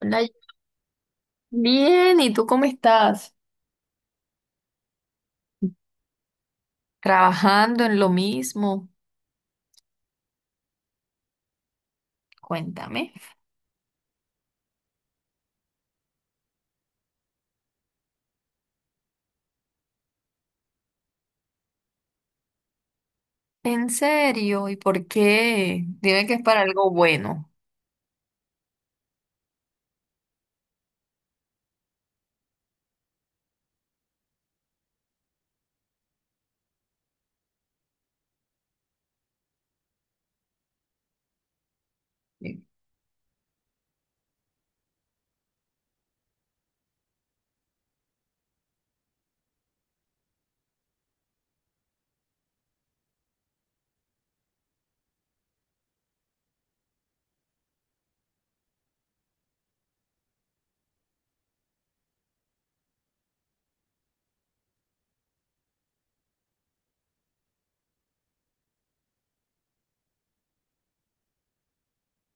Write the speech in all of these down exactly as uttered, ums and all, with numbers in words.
Hola, bien, ¿y tú cómo estás? ¿Trabajando en lo mismo? Cuéntame. ¿En serio? ¿Y por qué? Dime que es para algo bueno.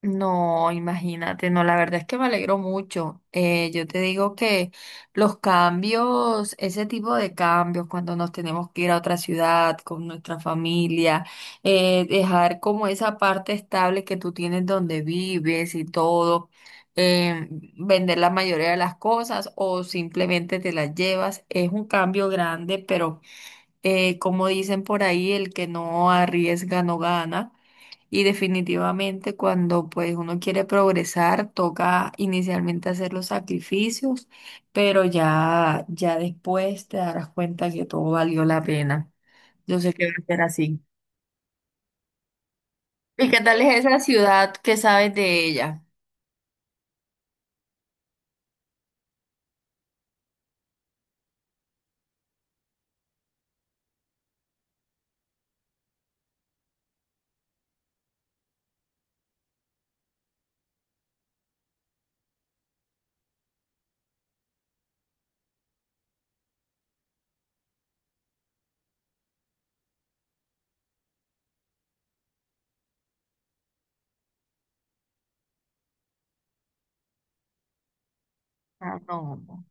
No, imagínate, no, la verdad es que me alegro mucho. Eh, yo te digo que los cambios, ese tipo de cambios, cuando nos tenemos que ir a otra ciudad con nuestra familia, eh, dejar como esa parte estable que tú tienes donde vives y todo, eh, vender la mayoría de las cosas o simplemente te las llevas, es un cambio grande, pero eh, como dicen por ahí, el que no arriesga no gana. Y definitivamente cuando pues uno quiere progresar, toca inicialmente hacer los sacrificios, pero ya, ya después te darás cuenta que todo valió la pena. Yo sé que va a ser así. ¿Y qué tal es esa ciudad? ¿Qué sabes de ella? Ah, no, no.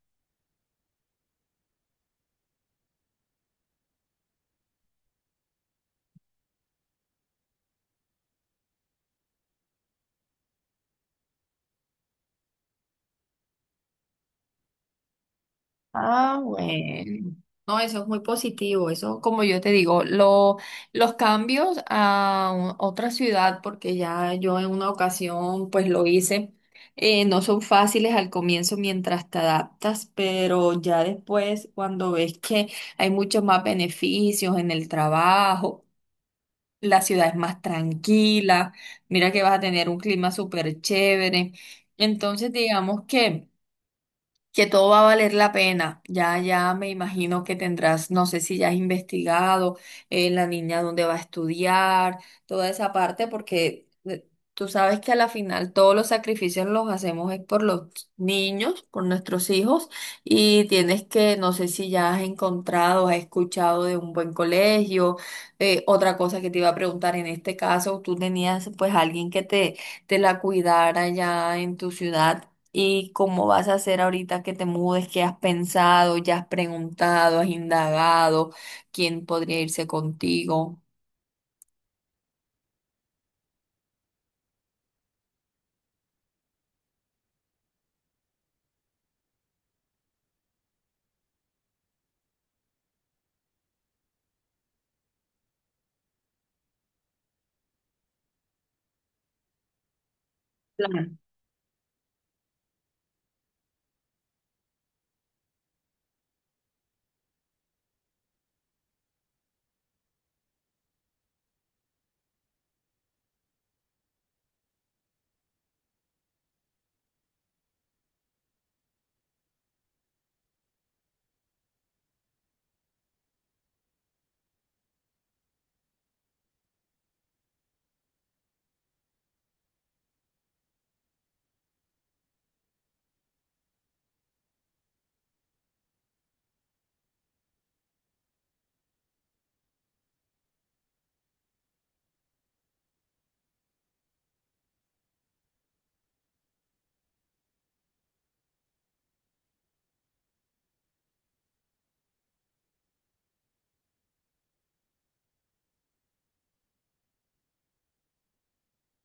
Ah, bueno. No, eso es muy positivo. Eso, como yo te digo, lo- los cambios a un- otra ciudad, porque ya yo en una ocasión pues lo hice, eh, no son fáciles al comienzo mientras te adaptas, pero ya después cuando ves que hay muchos más beneficios en el trabajo, la ciudad es más tranquila, mira que vas a tener un clima súper chévere. Entonces, digamos que que todo va a valer la pena. Ya, ya me imagino que tendrás, no sé si ya has investigado eh, la niña dónde va a estudiar, toda esa parte, porque eh, tú sabes que a la final todos los sacrificios los hacemos es por los niños, por nuestros hijos, y tienes que, no sé si ya has encontrado, has escuchado de un buen colegio. Eh, otra cosa que te iba a preguntar, en este caso, tú tenías pues alguien que te, te la cuidara ya en tu ciudad. ¿Y cómo vas a hacer ahorita que te mudes? ¿Qué has pensado? ¿Ya has preguntado? ¿Has indagado? ¿Quién podría irse contigo?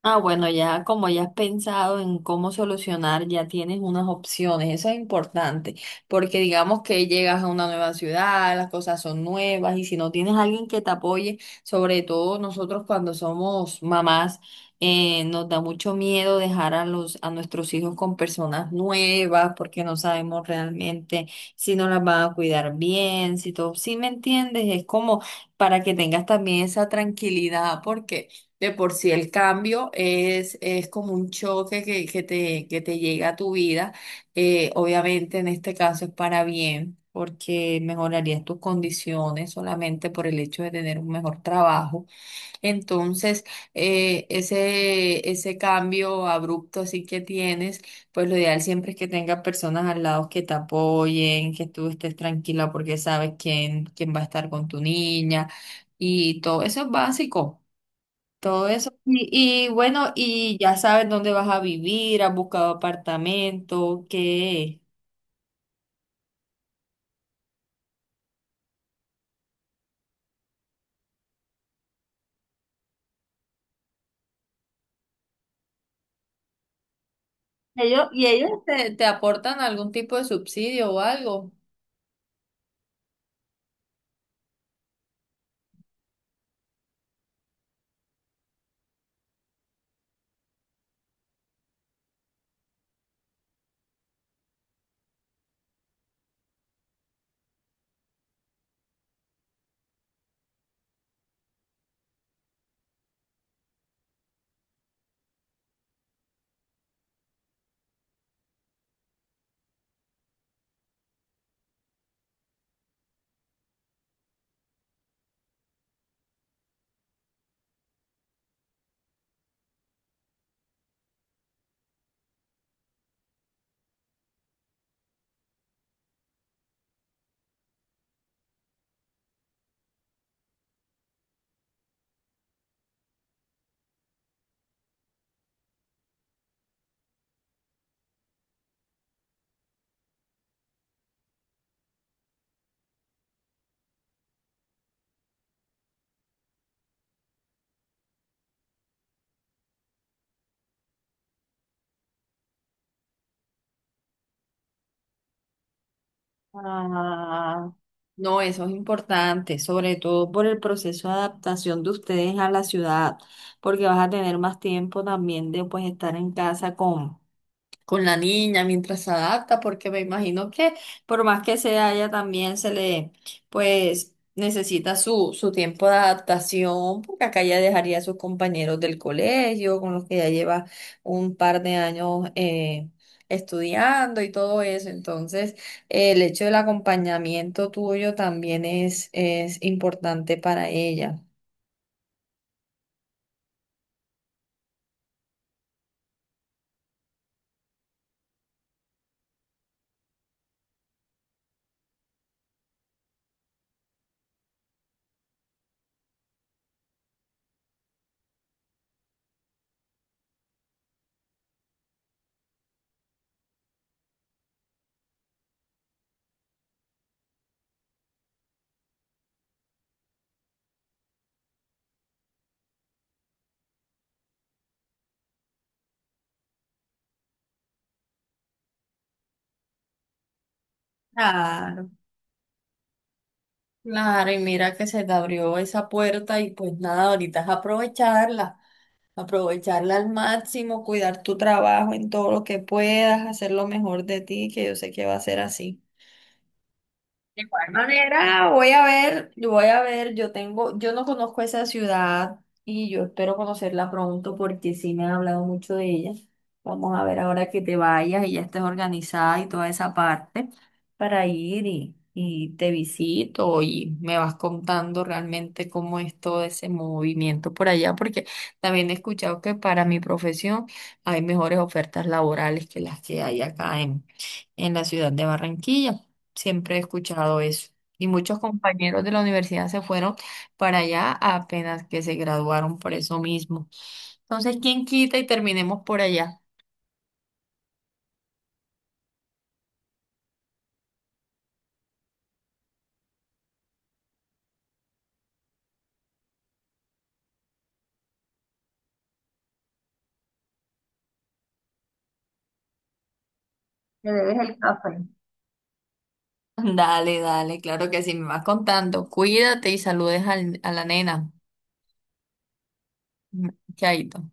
Ah, bueno, ya como ya has pensado en cómo solucionar, ya tienes unas opciones, eso es importante, porque digamos que llegas a una nueva ciudad, las cosas son nuevas y si no tienes alguien que te apoye, sobre todo nosotros cuando somos mamás, eh, nos da mucho miedo dejar a los, a nuestros hijos con personas nuevas porque no sabemos realmente si nos las van a cuidar bien, si todo, si me entiendes, es como para que tengas también esa tranquilidad porque... De por sí el cambio es, es como un choque que, que te, que te llega a tu vida. Eh, obviamente en este caso es para bien, porque mejorarías tus condiciones solamente por el hecho de tener un mejor trabajo. Entonces, eh, ese, ese cambio abrupto así que tienes, pues lo ideal siempre es que tengas personas al lado que te apoyen, que tú estés tranquila porque sabes quién, quién va a estar con tu niña y todo eso es básico. Todo eso. Y, y bueno, y ya sabes dónde vas a vivir, has buscado apartamento, qué. Ellos, y ellos te, te aportan algún tipo de subsidio o algo. Ah, no, eso es importante, sobre todo por el proceso de adaptación de ustedes a la ciudad, porque vas a tener más tiempo también de pues estar en casa con con la niña mientras se adapta, porque me imagino que por más que sea ella también se le, pues necesita su, su tiempo de adaptación, porque acá ya dejaría a sus compañeros del colegio, con los que ya lleva un par de años eh, estudiando y todo eso. Entonces, eh, el hecho del acompañamiento tuyo también es, es importante para ella. Claro, claro, y mira que se te abrió esa puerta y pues nada, ahorita es aprovecharla. Aprovecharla al máximo, cuidar tu trabajo en todo lo que puedas, hacer lo mejor de ti, que yo sé que va a ser así. De igual manera, voy a ver, voy a ver, yo tengo, yo no conozco esa ciudad y yo espero conocerla pronto porque sí me han hablado mucho de ella. Vamos a ver ahora que te vayas y ya estés organizada y toda esa parte para ir y, y te visito y me vas contando realmente cómo es todo ese movimiento por allá, porque también he escuchado que para mi profesión hay mejores ofertas laborales que las que hay acá en, en la ciudad de Barranquilla. Siempre he escuchado eso. Y muchos compañeros de la universidad se fueron para allá apenas que se graduaron por eso mismo. Entonces, ¿quién quita y terminemos por allá? Me debes el café. Dale, dale, claro que sí, me vas contando. Cuídate y saludes al- a la nena. Mm, chaito.